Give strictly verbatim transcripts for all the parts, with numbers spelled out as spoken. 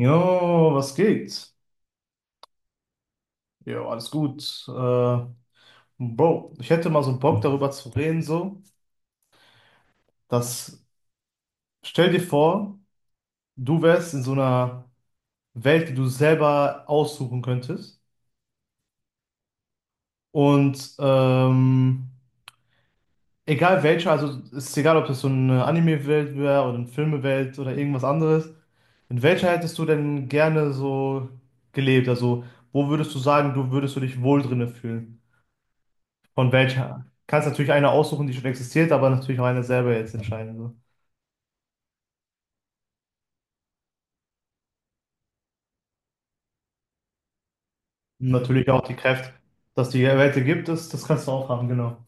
Jo, was geht? Jo, alles gut. Äh, Bro, ich hätte mal so Bock darüber zu reden, so, dass, stell dir vor, du wärst in so einer Welt, die du selber aussuchen könntest. Und ähm, egal welche, also es ist egal, ob das so eine Anime-Welt wäre oder eine Filme-Welt oder irgendwas anderes. In welcher hättest du denn gerne so gelebt? Also, wo würdest du sagen, du würdest du dich wohl drinne fühlen? Von welcher? Kannst natürlich eine aussuchen, die schon existiert, aber natürlich auch eine selber jetzt entscheiden. So. Und natürlich auch die Kräfte, dass die Welt gibt, das, das kannst du auch haben, genau.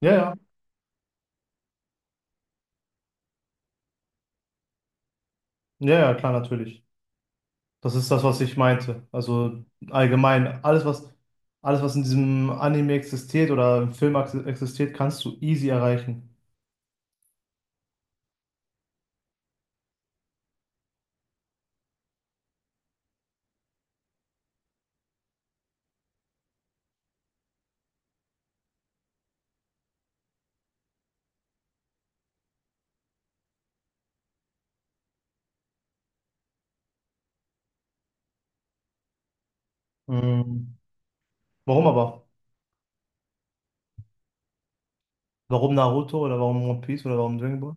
Ja, ja, ja, ja, klar, natürlich. Das ist das, was ich meinte. Also allgemein, alles, was, alles, was in diesem Anime existiert oder im Film ex- existiert, kannst du easy erreichen. Mhm. Warum aber? Warum Naruto oder warum One Piece oder warum Dragon Ball?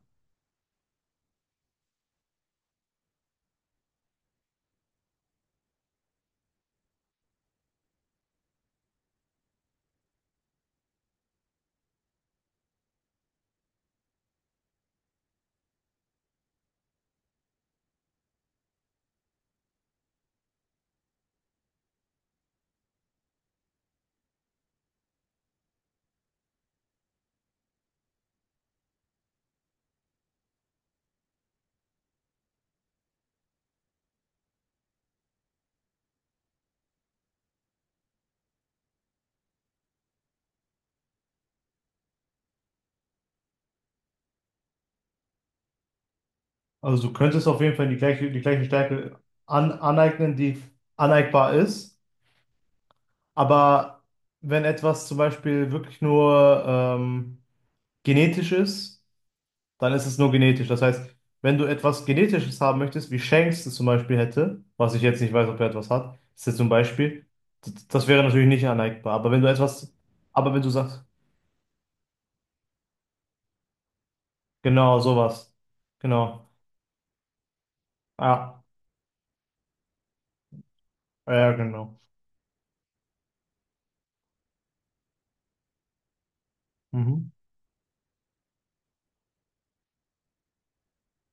Also du könntest auf jeden Fall die gleiche, die gleiche Stärke an, aneignen, die aneignbar ist. Aber wenn etwas zum Beispiel wirklich nur ähm, genetisch ist, dann ist es nur genetisch. Das heißt, wenn du etwas Genetisches haben möchtest, wie Shanks es zum Beispiel hätte, was ich jetzt nicht weiß, ob er etwas hat, ist jetzt zum Beispiel, d- das wäre natürlich nicht aneignbar. Aber wenn du etwas, aber wenn du sagst, genau, sowas, genau, ja, ja, ja, genau. Mhm.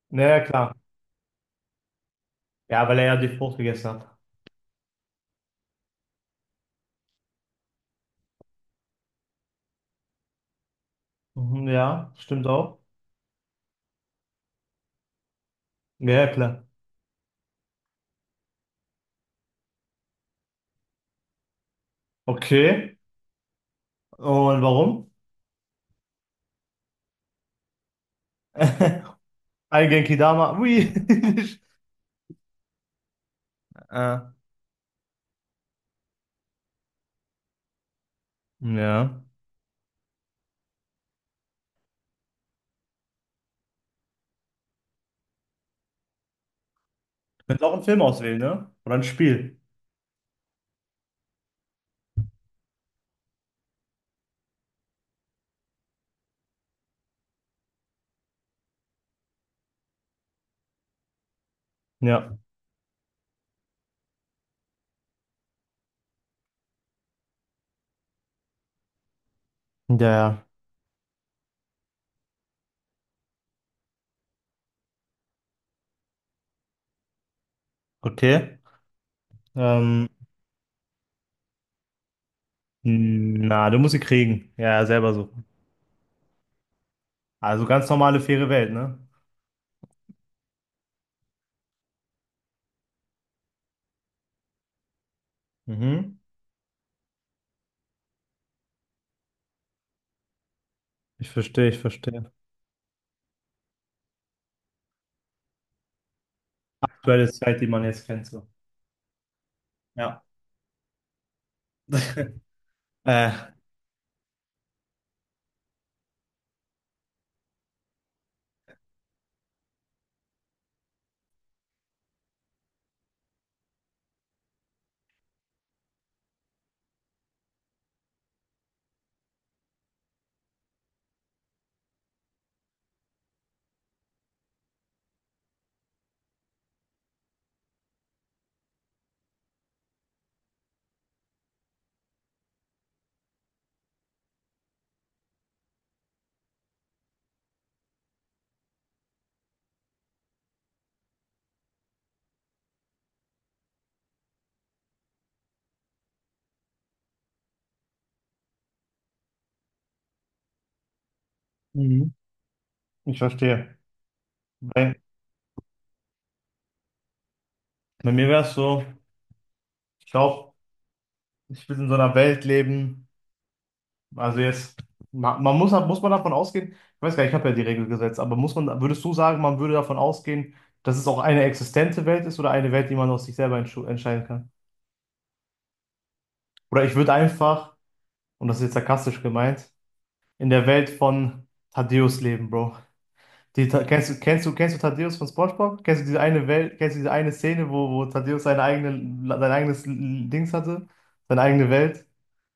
Naja, klar. Ja, weil er ja die Frucht gegessen hat. Mhm, ja, stimmt auch. Ja, ja, klar. Okay. Und warum? Ein Genki Dama. Ui. Äh, ja. Könntest auch einen Film auswählen, ne? Oder ein Spiel. Ja. Ja, ja. Okay. Ähm, na, du musst sie kriegen. Ja, ja, selber suchen. Also ganz normale, faire Welt, ne? Mhm. Ich verstehe, ich verstehe. Aktuelle Zeit, die man jetzt kennt, so. Ja. Äh, mhm. Ich verstehe. Bei, bei mir wäre es so, ich glaube, ich will in so einer Welt leben. Also jetzt, ma- man muss, muss man davon ausgehen, ich weiß gar nicht, ich habe ja die Regel gesetzt, aber muss man, würdest du sagen, man würde davon ausgehen, dass es auch eine existente Welt ist oder eine Welt, die man aus sich selber entschu- entscheiden kann? Oder ich würde einfach, und das ist jetzt sarkastisch gemeint, in der Welt von Thaddeus leben, Bro. Die, Ta- kennst du, kennst du, kennst du Thaddeus von SpongeBob? Kennst du diese eine Welt, kennst du diese eine Szene, wo, wo Thaddeus seine eigene, sein eigenes Dings hatte, seine eigene Welt?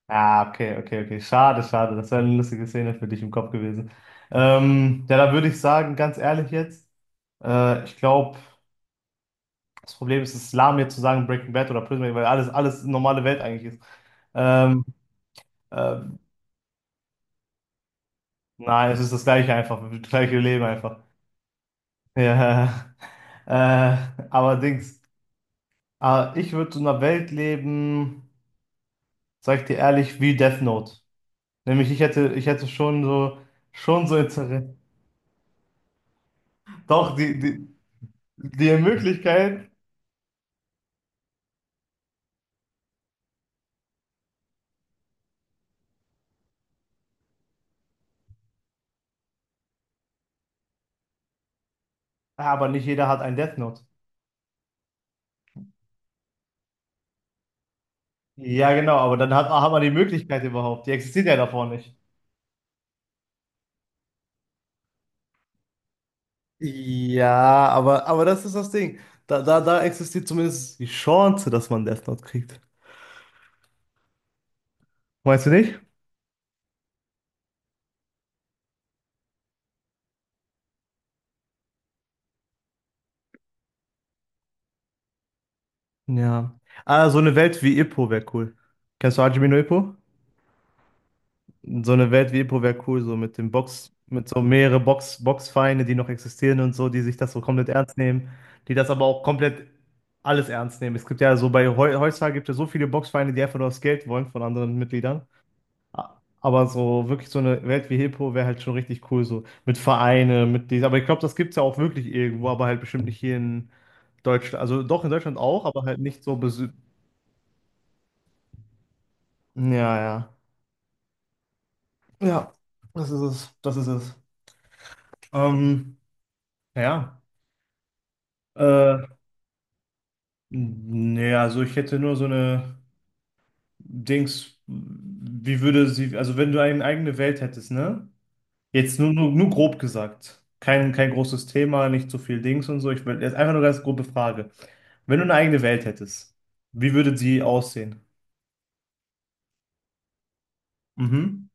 Ah, okay, okay, okay. Schade, schade. Das wäre eine lustige Szene für dich im Kopf gewesen. Ähm, ja, da würde ich sagen, ganz ehrlich jetzt, äh, ich glaube, das Problem ist, es ist lahm jetzt zu sagen Breaking Bad oder Prison Break, weil alles, alles normale Welt eigentlich ist. Ähm, äh, nein, es ist das gleiche einfach, das gleiche Leben einfach. Ja, äh, aber Dings, äh, ich würde in einer Welt leben, sag ich dir ehrlich, wie Death Note. Nämlich ich hätte, ich hätte schon so, schon so Interesse. Doch, die, die, die Möglichkeit, aber nicht jeder hat ein Death Note. Ja, genau, aber dann hat, hat man die Möglichkeit überhaupt. Die existiert ja davor nicht. Ja, aber, aber das ist das Ding. Da, da, da existiert zumindest die Chance, dass man Death Note kriegt. Meinst du nicht? Ja. Ah, so eine Welt wie Ippo wäre cool. Kennst du Hajime no Ippo? So eine Welt wie Epo wäre cool, so mit dem Box, mit so mehrere Box, Boxvereine, die noch existieren und so, die sich das so komplett ernst nehmen, die das aber auch komplett alles ernst nehmen. Es gibt ja so bei heu- heutzutage gibt es ja so viele Boxvereine, die einfach nur das Geld wollen von anderen Mitgliedern. A- Aber so wirklich so eine Welt wie Hippo wäre halt schon richtig cool, so mit Vereine, mit dies. Aber ich glaube, das gibt es ja auch wirklich irgendwo, aber halt bestimmt nicht hier in Deutschland. Also doch in Deutschland auch, aber halt nicht so besü. Ja, ja. Ja, das ist es. Das ist es. Ähm, ja. Äh, nee, also ich hätte nur so eine Dings, wie würde sie, also wenn du eine eigene Welt hättest, ne? Jetzt nur, nur, nur grob gesagt. Kein, kein großes Thema, nicht so viel Dings und so. Ich will jetzt einfach nur ganz grobe Frage. Wenn du eine eigene Welt hättest, wie würde sie aussehen? Mhm.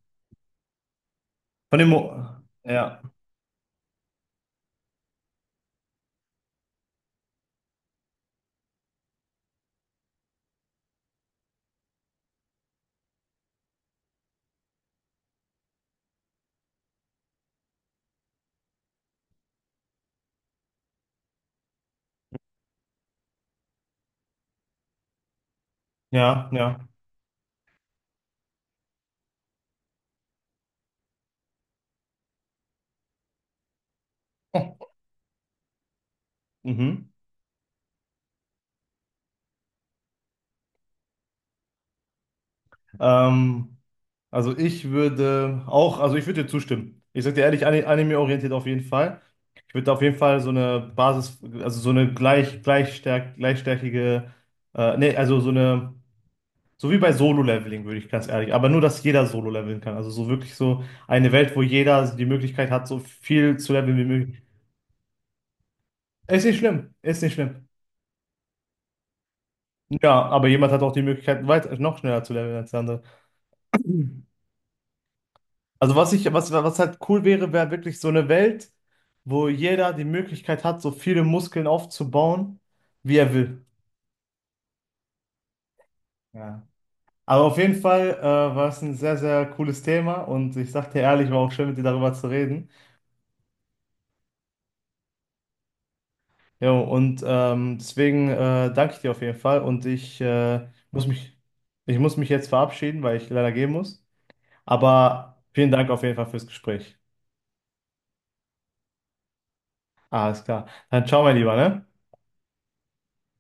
Von dem Mo ja, ja, ja. Mhm. Ähm, also ich würde auch, also ich würde dir zustimmen. Ich sag dir ehrlich, Ani- anime-orientiert auf jeden Fall. Ich würde auf jeden Fall so eine Basis, also so eine gleich, gleichstärk, gleichstärkige, äh, nee, also so eine, so wie bei Solo-Leveling, würde ich ganz ehrlich, aber nur, dass jeder Solo-Leveln kann. Also so wirklich so eine Welt, wo jeder die Möglichkeit hat, so viel zu leveln wie möglich. Ist nicht schlimm, ist nicht schlimm. Ja, aber jemand hat auch die Möglichkeit, weiter, noch schneller zu leveln als der andere. Also was ich, was, was halt cool wäre, wäre wirklich so eine Welt, wo jeder die Möglichkeit hat, so viele Muskeln aufzubauen, wie er will. Ja. Aber auf jeden Fall äh, war es ein sehr, sehr cooles Thema und ich sag dir ehrlich, war auch schön, mit dir darüber zu reden. Jo, und ähm, deswegen äh, danke ich dir auf jeden Fall und ich äh, muss mich, ich muss mich jetzt verabschieden, weil ich leider gehen muss. Aber vielen Dank auf jeden Fall fürs Gespräch. Alles klar. Dann ciao, mein Lieber, ne?